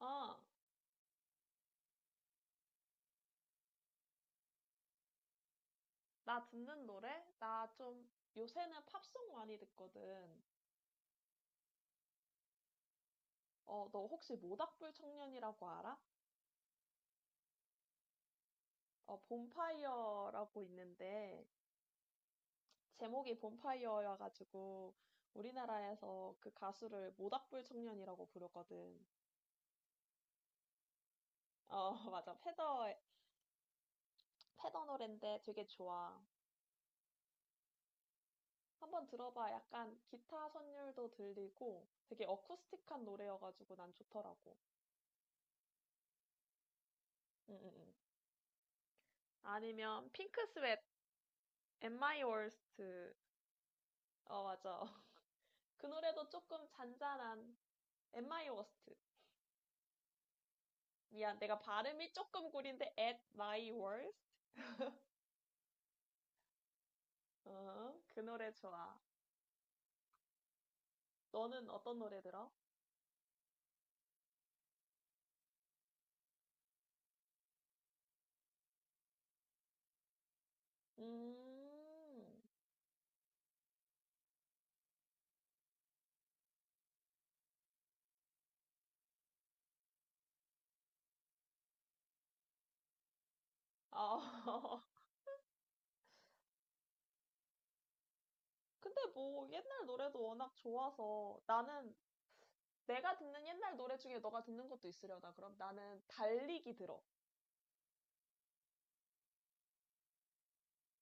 아, 나 듣는 노래? 나 좀 요새는 팝송 많이 듣거든. 어, 너 혹시 모닥불 청년이라고 알아? 어, 봄파이어라고 있는데 제목이 봄파이어여가지고 우리나라에서 그 가수를 모닥불 청년이라고 부르거든. 어, 맞아. 패더 노랜데 되게 좋아. 한번 들어봐. 약간 기타 선율도 들리고 되게 어쿠스틱한 노래여가지고 난 좋더라고. 응, 응, 응. 아니면 핑크스웨트 At My Worst. 어, 맞아. 그 노래도 조금 잔잔한 At My Worst. 미안, 내가 발음이 조금 구린데 At My Worst. 어, 그 노래 좋아. 너는 어떤 노래 들어? 음, 아, 근데 뭐 옛날 노래도 워낙 좋아서 나는 내가 듣는 옛날 노래 중에 너가 듣는 것도 있으려나? 그럼 나는 달리기 들어.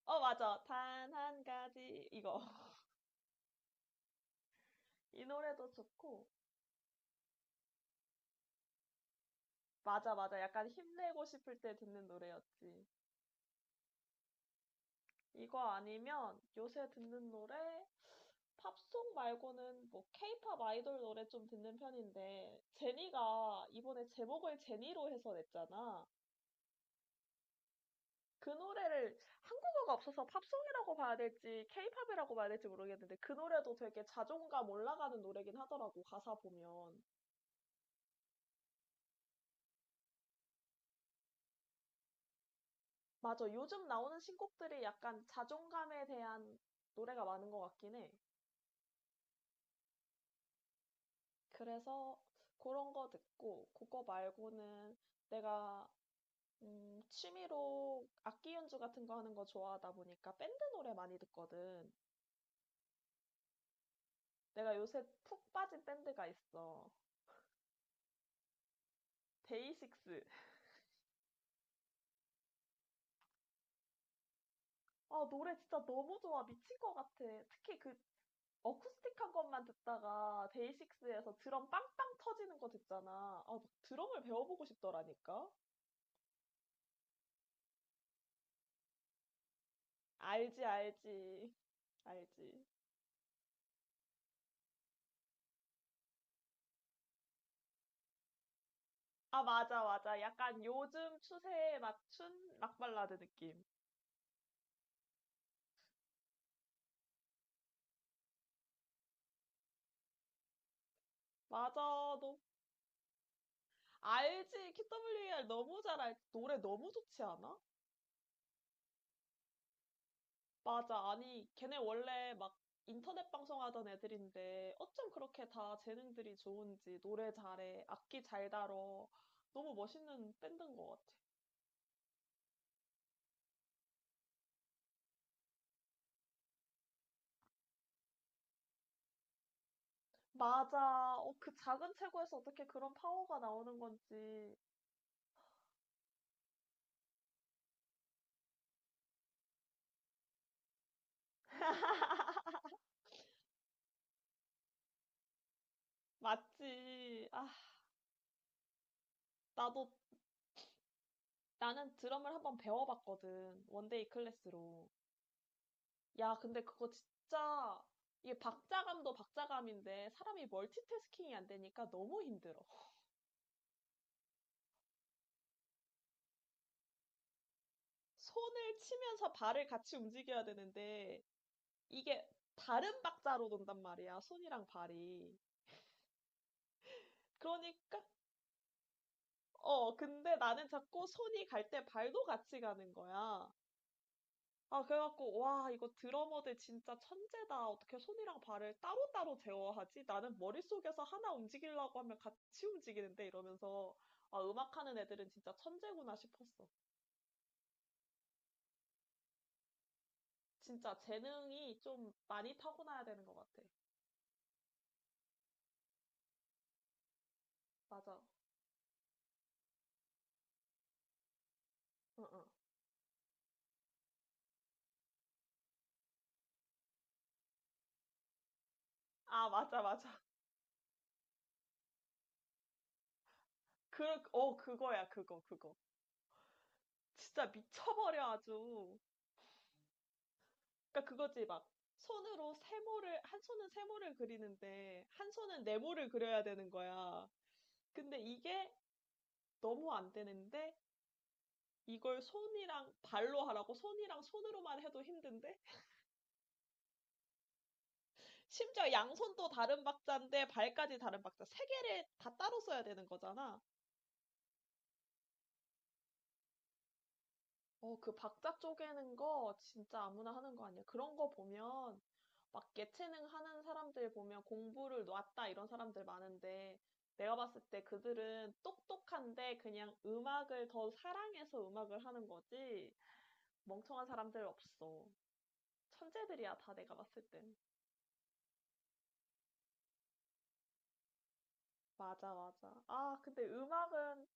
어, 맞아. 단 한 가지 이거. 이 노래도 좋고. 맞아, 맞아. 약간 힘내고 싶을 때 듣는 노래였지. 이거 아니면 요새 듣는 노래, 팝송 말고는 뭐 케이팝 아이돌 노래 좀 듣는 편인데, 제니가 이번에 제목을 제니로 해서 냈잖아. 그 노래를 한국어가 없어서 팝송이라고 봐야 될지 케이팝이라고 봐야 될지 모르겠는데, 그 노래도 되게 자존감 올라가는 노래긴 하더라고, 가사 보면. 맞아, 요즘 나오는 신곡들이 약간 자존감에 대한 노래가 많은 것 같긴 해. 그래서 그런 거 듣고, 그거 말고는 내가, 취미로 악기 연주 같은 거 하는 거 좋아하다 보니까 밴드 노래 많이 듣거든. 내가 요새 푹 빠진 밴드가 있어. 데이식스. 아, 노래 진짜 너무 좋아. 미친 것 같아. 특히 그 어쿠스틱한 것만 듣다가 데이식스에서 드럼 빵빵 터지는 거 듣잖아. 아, 막 드럼을 배워보고 싶더라니까. 알지, 알지. 알지. 아, 맞아, 맞아. 약간 요즘 추세에 맞춘 락 발라드 느낌. 맞아, 너 알지? KWAR 너무 잘 알지? 노래 너무 좋지 않아? 맞아. 아니, 걔네 원래 막 인터넷 방송하던 애들인데 어쩜 그렇게 다 재능들이 좋은지 노래 잘해, 악기 잘 다뤄. 너무 멋있는 밴드인 것 같아. 맞아. 어, 그 작은 체구에서 어떻게 그런 파워가 나오는 건지. 맞지. 아, 나도 나는 드럼을 한번 배워봤거든. 원데이 클래스로. 야, 근데 그거 진짜 이게 박자감도 박자감인데 사람이 멀티태스킹이 안 되니까 너무 힘들어. 손을 치면서 발을 같이 움직여야 되는데 이게 다른 박자로 돈단 말이야. 손이랑 발이. 그러니까 어, 근데 나는 자꾸 손이 갈 때 발도 같이 가는 거야. 아, 그래갖고, 와, 이거 드러머들 진짜 천재다. 어떻게 손이랑 발을 따로따로 제어하지? 나는 머릿속에서 하나 움직이려고 하면 같이 움직이는데 이러면서, 아, 음악하는 애들은 진짜 천재구나 싶었어. 진짜 재능이 좀 많이 타고나야 되는 것 같아. 맞아. 응, 응. 아, 맞아, 맞아. 그, 어, 그거야, 그거, 그거. 진짜 미쳐버려, 아주. 그러니까 그거지, 막. 손으로 세모를, 한 손은 세모를 그리는데, 한 손은 네모를 그려야 되는 거야. 근데 이게 너무 안 되는데 이걸 손이랑 발로 하라고 손이랑 손으로만 해도 힘든데 심지어 양손도 다른 박자인데 발까지 다른 박자 세 개를 다 따로 써야 되는 거잖아. 어, 그 박자 쪼개는 거 진짜 아무나 하는 거 아니야. 그런 거 보면 막 예체능 하는 사람들 보면 공부를 놨다 이런 사람들 많은데 내가 봤을 때 그들은 똑똑한데 그냥 음악을 더 사랑해서 음악을 하는 거지 멍청한 사람들 없어. 천재들이야 다 내가 봤을 땐. 맞아, 맞아. 아, 근데 음악은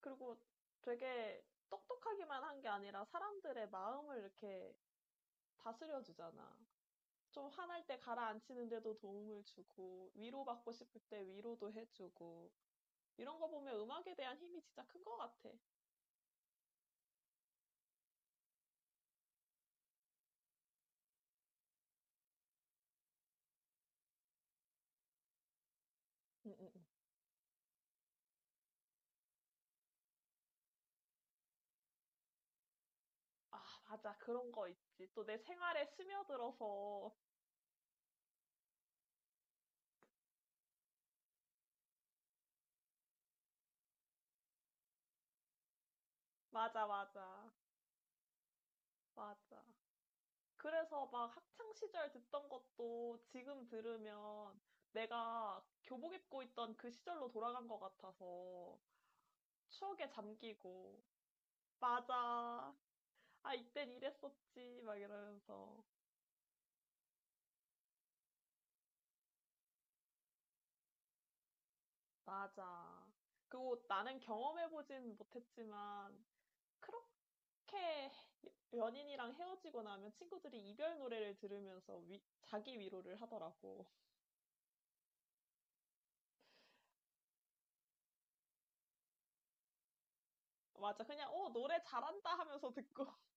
그리고 되게 똑똑하기만 한 게 아니라 사람들의 마음을 이렇게 다스려 주잖아. 좀 화날 때 가라앉히는데도 도움을 주고, 위로받고 싶을 때 위로도 해주고, 이런 거 보면 음악에 대한 힘이 진짜 큰 것 같아. 응, 응, 응. 아, 맞아. 그런 거 있지. 또 내 생활에 스며들어서. 맞아, 맞아. 맞아. 그래서 막 학창 시절 듣던 것도 지금 들으면 내가 교복 입고 있던 그 시절로 돌아간 것 같아서 추억에 잠기고, 맞아. 아, 이땐 이랬었지. 막 이러면서, 맞아. 그리고 나는 경험해보진 못했지만, 그렇게 연인이랑 헤어지고 나면 친구들이 이별 노래를 들으면서 위- 자기 위로를 하더라고. 맞아. 그냥, 어, 노래 잘한다 하면서 듣고.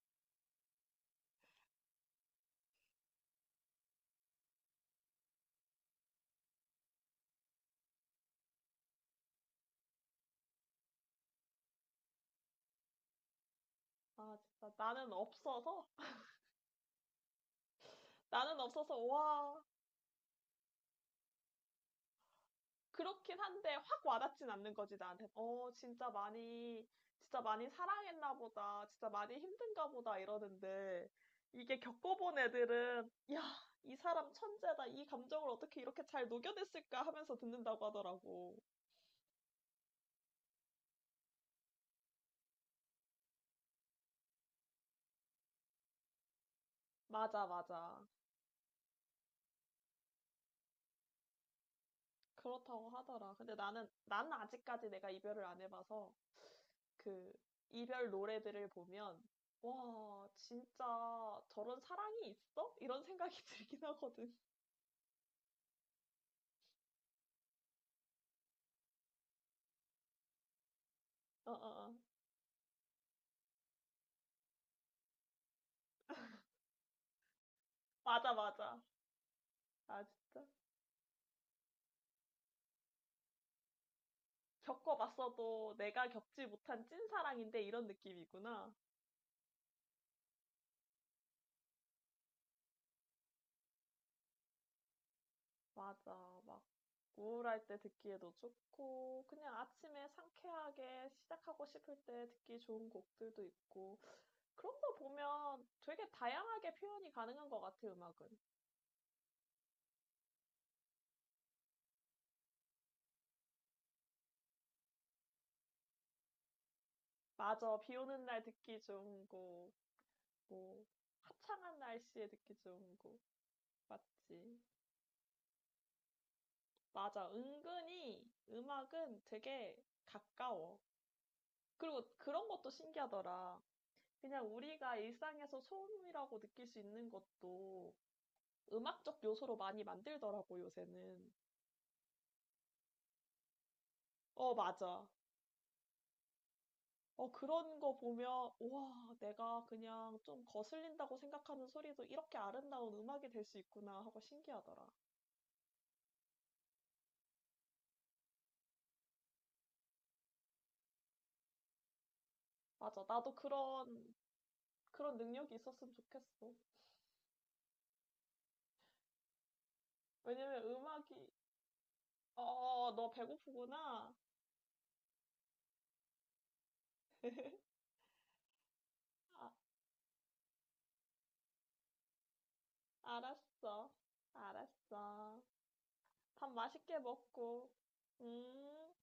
아, 진짜 나는 없어서 와 그렇긴 한데 확 와닿진 않는 거지 나한테. 어, 진짜 많이 사랑했나 보다. 진짜 많이 힘든가 보다 이러는데 이게 겪어본 애들은 야 이 사람 천재다. 이 감정을 어떻게 이렇게 잘 녹여냈을까 하면서 듣는다고 하더라고. 맞아 맞아. 그렇다고 하더라. 근데 나는 아직까지 내가 이별을 안 해봐서 그 이별 노래들을 보면 와, 진짜 저런 사랑이 있어? 이런 생각이 들긴 하거든. 어, 어, 어. 맞아, 맞아. 아, 진짜. 겪어봤어도 내가 겪지 못한 찐 사랑인데 이런 느낌이구나. 맞아. 막 우울할 때 듣기에도 좋고, 그냥 아침에 상쾌하게 시작하고 싶을 때 듣기 좋은 곡들도 있고. 그런 거 보면 되게 다양하게 표현이 가능한 것 같아, 음악은. 맞아, 비 오는 날 듣기 좋은 곡, 뭐, 화창한 날씨에 듣기 좋은 곡, 맞지? 맞아, 은근히 음악은 되게 가까워. 그리고 그런 것도 신기하더라. 그냥 우리가 일상에서 소음이라고 느낄 수 있는 것도 음악적 요소로 많이 만들더라고, 요새는. 어, 맞아. 어, 그런 거 보면, 우와, 내가 그냥 좀 거슬린다고 생각하는 소리도 이렇게 아름다운 음악이 될 수 있구나 하고 신기하더라. 맞아. 나도 그런 능력이 있었으면 좋겠어. 왜냐면 음악이, 어, 너 배고프구나. 아, 알았어. 알았어. 밥 맛있게 먹고. 음.